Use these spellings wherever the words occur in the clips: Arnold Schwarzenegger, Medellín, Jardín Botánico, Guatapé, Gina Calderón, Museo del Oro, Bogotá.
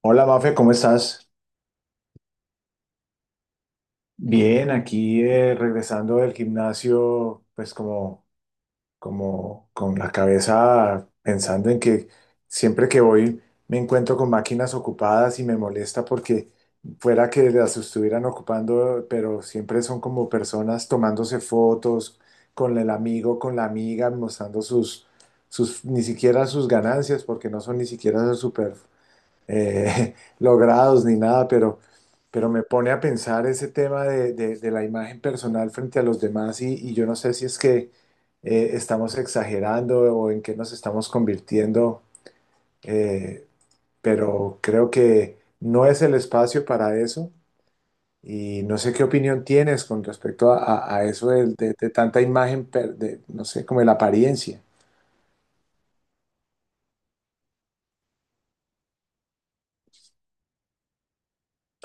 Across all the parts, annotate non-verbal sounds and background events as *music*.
Hola Mafe, ¿cómo estás? Bien, aquí regresando del gimnasio, pues como, como con la cabeza pensando en que siempre que voy me encuentro con máquinas ocupadas y me molesta porque fuera que las estuvieran ocupando, pero siempre son como personas tomándose fotos con el amigo, con la amiga, mostrando sus, ni siquiera sus ganancias, porque no son ni siquiera super *laughs* logrados ni nada, pero me pone a pensar ese tema de la imagen personal frente a los demás y yo no sé si es que estamos exagerando o en qué nos estamos convirtiendo, eh, pero creo que no es el espacio para eso y no sé qué opinión tienes con respecto a, a eso de tanta imagen, de, no sé, como de la apariencia.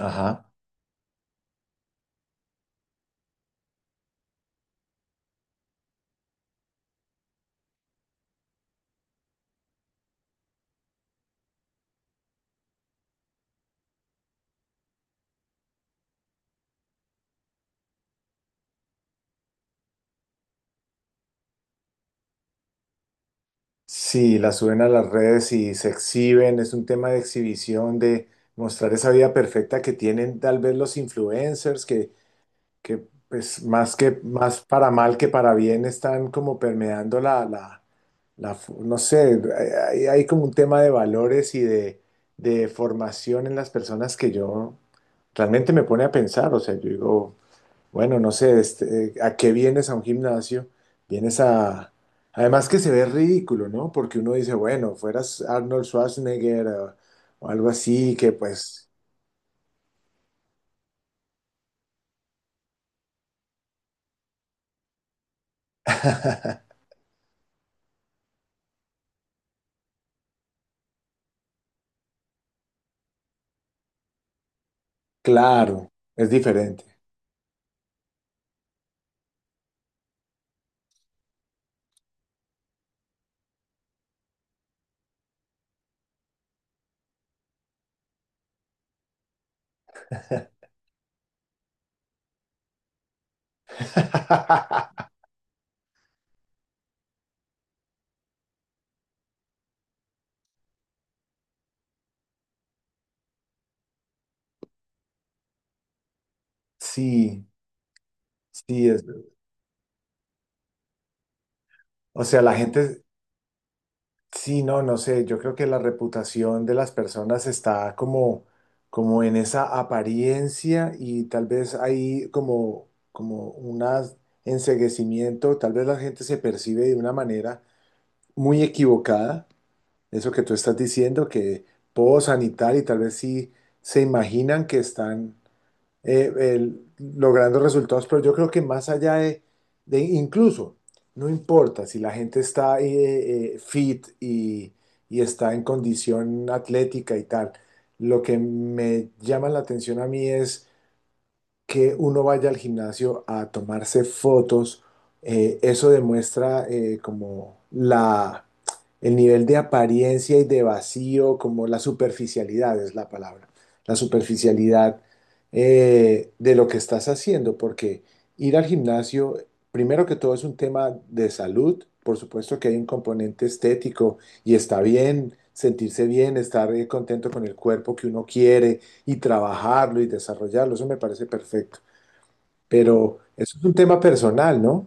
Ajá. Sí, la suben a las redes y se exhiben, es un tema de exhibición, de mostrar esa vida perfecta que tienen tal vez los influencers, que pues más que más para mal que para bien están como permeando la, la no sé, hay como un tema de valores y de formación en las personas que yo realmente me pone a pensar, o sea, yo digo, bueno, no sé, este, ¿a qué vienes a un gimnasio? Vienes a... Además que se ve ridículo, ¿no? Porque uno dice, bueno, fueras Arnold Schwarzenegger o algo así, que pues, *laughs* claro, es diferente. *laughs* Sí, sí, es... O sea, la gente, Sí, no, no sé, yo creo que la reputación de las personas está como, como en esa apariencia y tal vez hay como, como un enceguecimiento, tal vez la gente se percibe de una manera muy equivocada, eso que tú estás diciendo, que posan y tal vez sí se imaginan que están logrando resultados, pero yo creo que más allá de incluso, no importa si la gente está fit y está en condición atlética y tal, lo que me llama la atención a mí es que uno vaya al gimnasio a tomarse fotos, eso demuestra como la, el nivel de apariencia y de vacío, como la superficialidad es la palabra, la superficialidad de lo que estás haciendo, porque ir al gimnasio, primero que todo, es un tema de salud, por supuesto que hay un componente estético y está bien sentirse bien, estar contento con el cuerpo que uno quiere y trabajarlo y desarrollarlo, eso me parece perfecto. Pero eso es un tema personal, ¿no?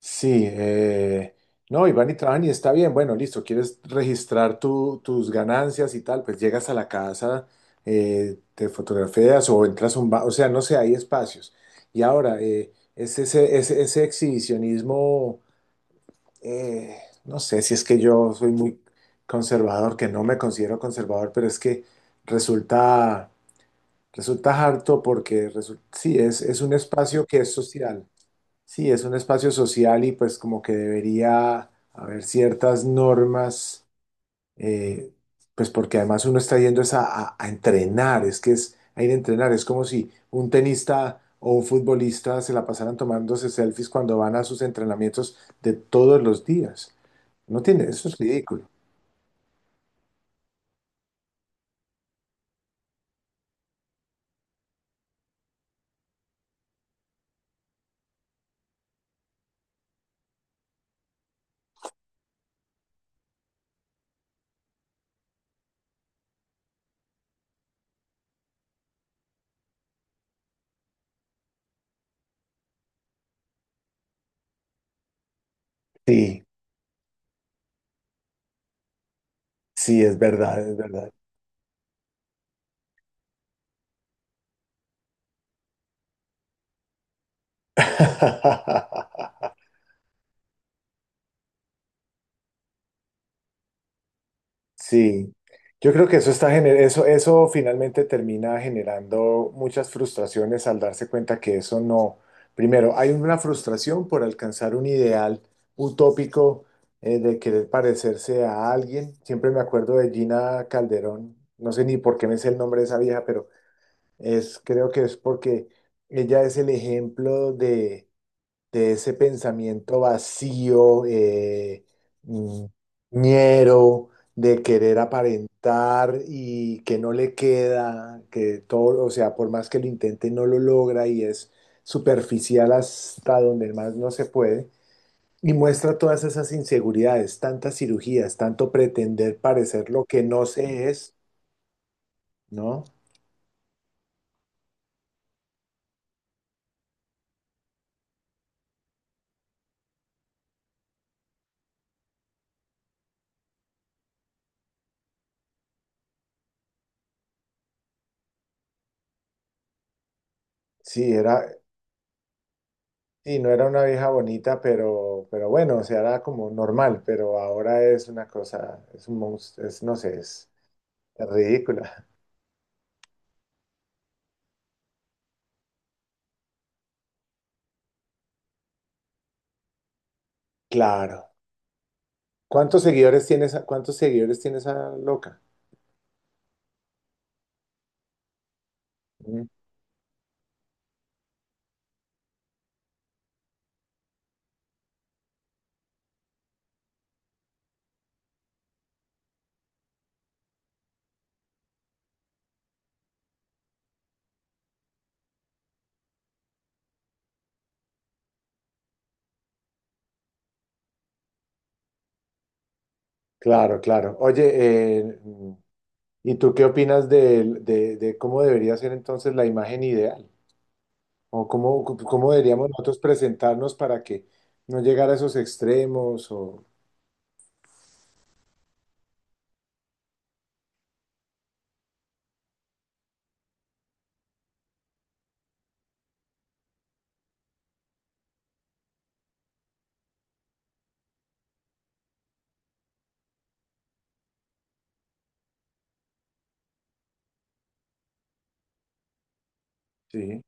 Sí, no, y van y trabajan y está bien, bueno, listo, quieres registrar tus ganancias y tal, pues llegas a la casa, te fotografías o entras a un bar, o sea, no sé, hay espacios. Y ahora, es ese, ese exhibicionismo, eh, no sé si es que yo soy muy conservador, que no me considero conservador, pero es que resulta. Resulta harto porque sí, es un espacio que es social. Sí, es un espacio social y pues como que debería haber ciertas normas, eh, pues porque además uno está yendo es a, a entrenar, es que es a ir a entrenar, es como si un tenista o un futbolista se la pasaran tomándose selfies cuando van a sus entrenamientos de todos los días. No tiene, eso es ridículo. Sí, sí, es verdad, es verdad. *laughs* Sí, yo creo que eso está eso, eso finalmente termina generando muchas frustraciones al darse cuenta que eso no. Primero, hay una frustración por alcanzar un ideal utópico, de querer parecerse a alguien. Siempre me acuerdo de Gina Calderón, no sé ni por qué me sé el nombre de esa vieja, pero es, creo que es porque ella es el ejemplo de ese pensamiento vacío, mm, ñero, de querer aparentar y que no le queda, que todo, o sea, por más que lo intente, no lo logra y es superficial hasta donde más no se puede. Y muestra todas esas inseguridades, tantas cirugías, tanto pretender parecer lo que no se es, ¿no? Sí, era, sí, no era una vieja bonita, pero bueno, o sea, era como normal, pero ahora es una cosa, es un monstruo, es, no sé, es ridícula. *laughs* Claro. ¿Cuántos seguidores tiene esa, cuántos seguidores tiene esa loca? Mm. Claro, claro. Oye, ¿y tú qué opinas de cómo debería ser entonces la imagen ideal? ¿O cómo, cómo deberíamos nosotros presentarnos para que no llegara a esos extremos? O... Sí,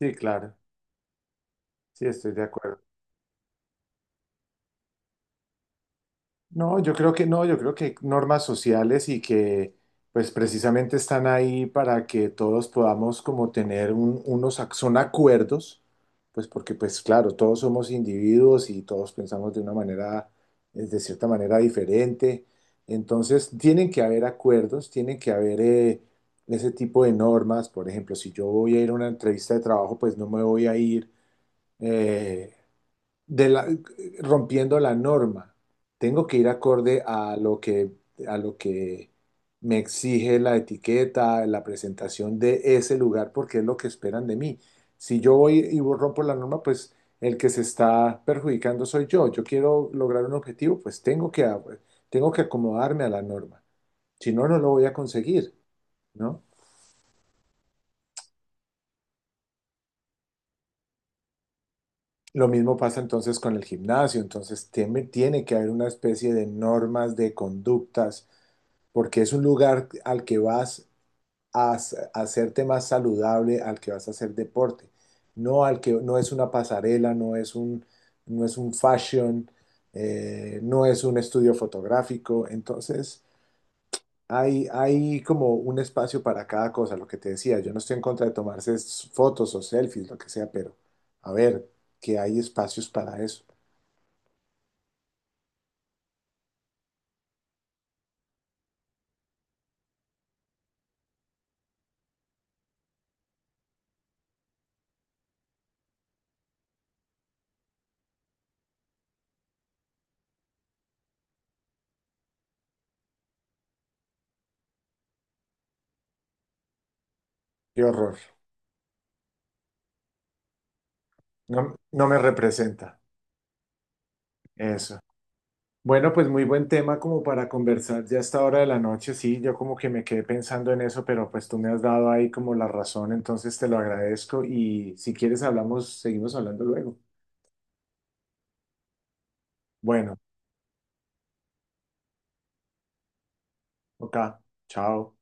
sí, claro. Sí, estoy de acuerdo. No, yo creo que no, yo creo que normas sociales y que pues precisamente están ahí para que todos podamos como tener unos, son acuerdos, pues porque pues claro, todos somos individuos y todos pensamos de una manera, de cierta manera diferente. Entonces tienen que haber acuerdos, tienen que haber ese tipo de normas. Por ejemplo, si yo voy a ir a una entrevista de trabajo, pues no me voy a ir. eh, de la- Rompiendo la norma. Tengo que ir acorde a lo que me exige la etiqueta, la presentación de ese lugar, porque es lo que esperan de mí. Si yo voy y rompo la norma, pues el que se está perjudicando soy yo. Yo quiero lograr un objetivo, pues tengo que, tengo que acomodarme a la norma. Si no, no lo voy a conseguir, ¿no? Lo mismo pasa entonces con el gimnasio, entonces tiene, tiene que haber una especie de normas de conductas porque es un lugar al que vas a a hacerte más saludable, al que vas a hacer deporte, no al que no es una pasarela, no es un, no es un fashion, no es un estudio fotográfico, entonces hay como un espacio para cada cosa, lo que te decía, yo no estoy en contra de tomarse fotos o selfies, lo que sea, pero a ver, que hay espacios para eso. Qué horror, no, no me representa eso. Bueno, pues muy buen tema como para conversar ya a esta hora de la noche. Sí, yo como que me quedé pensando en eso, pero pues tú me has dado ahí como la razón, entonces te lo agradezco y si quieres hablamos, seguimos hablando luego. Bueno, ok, chao.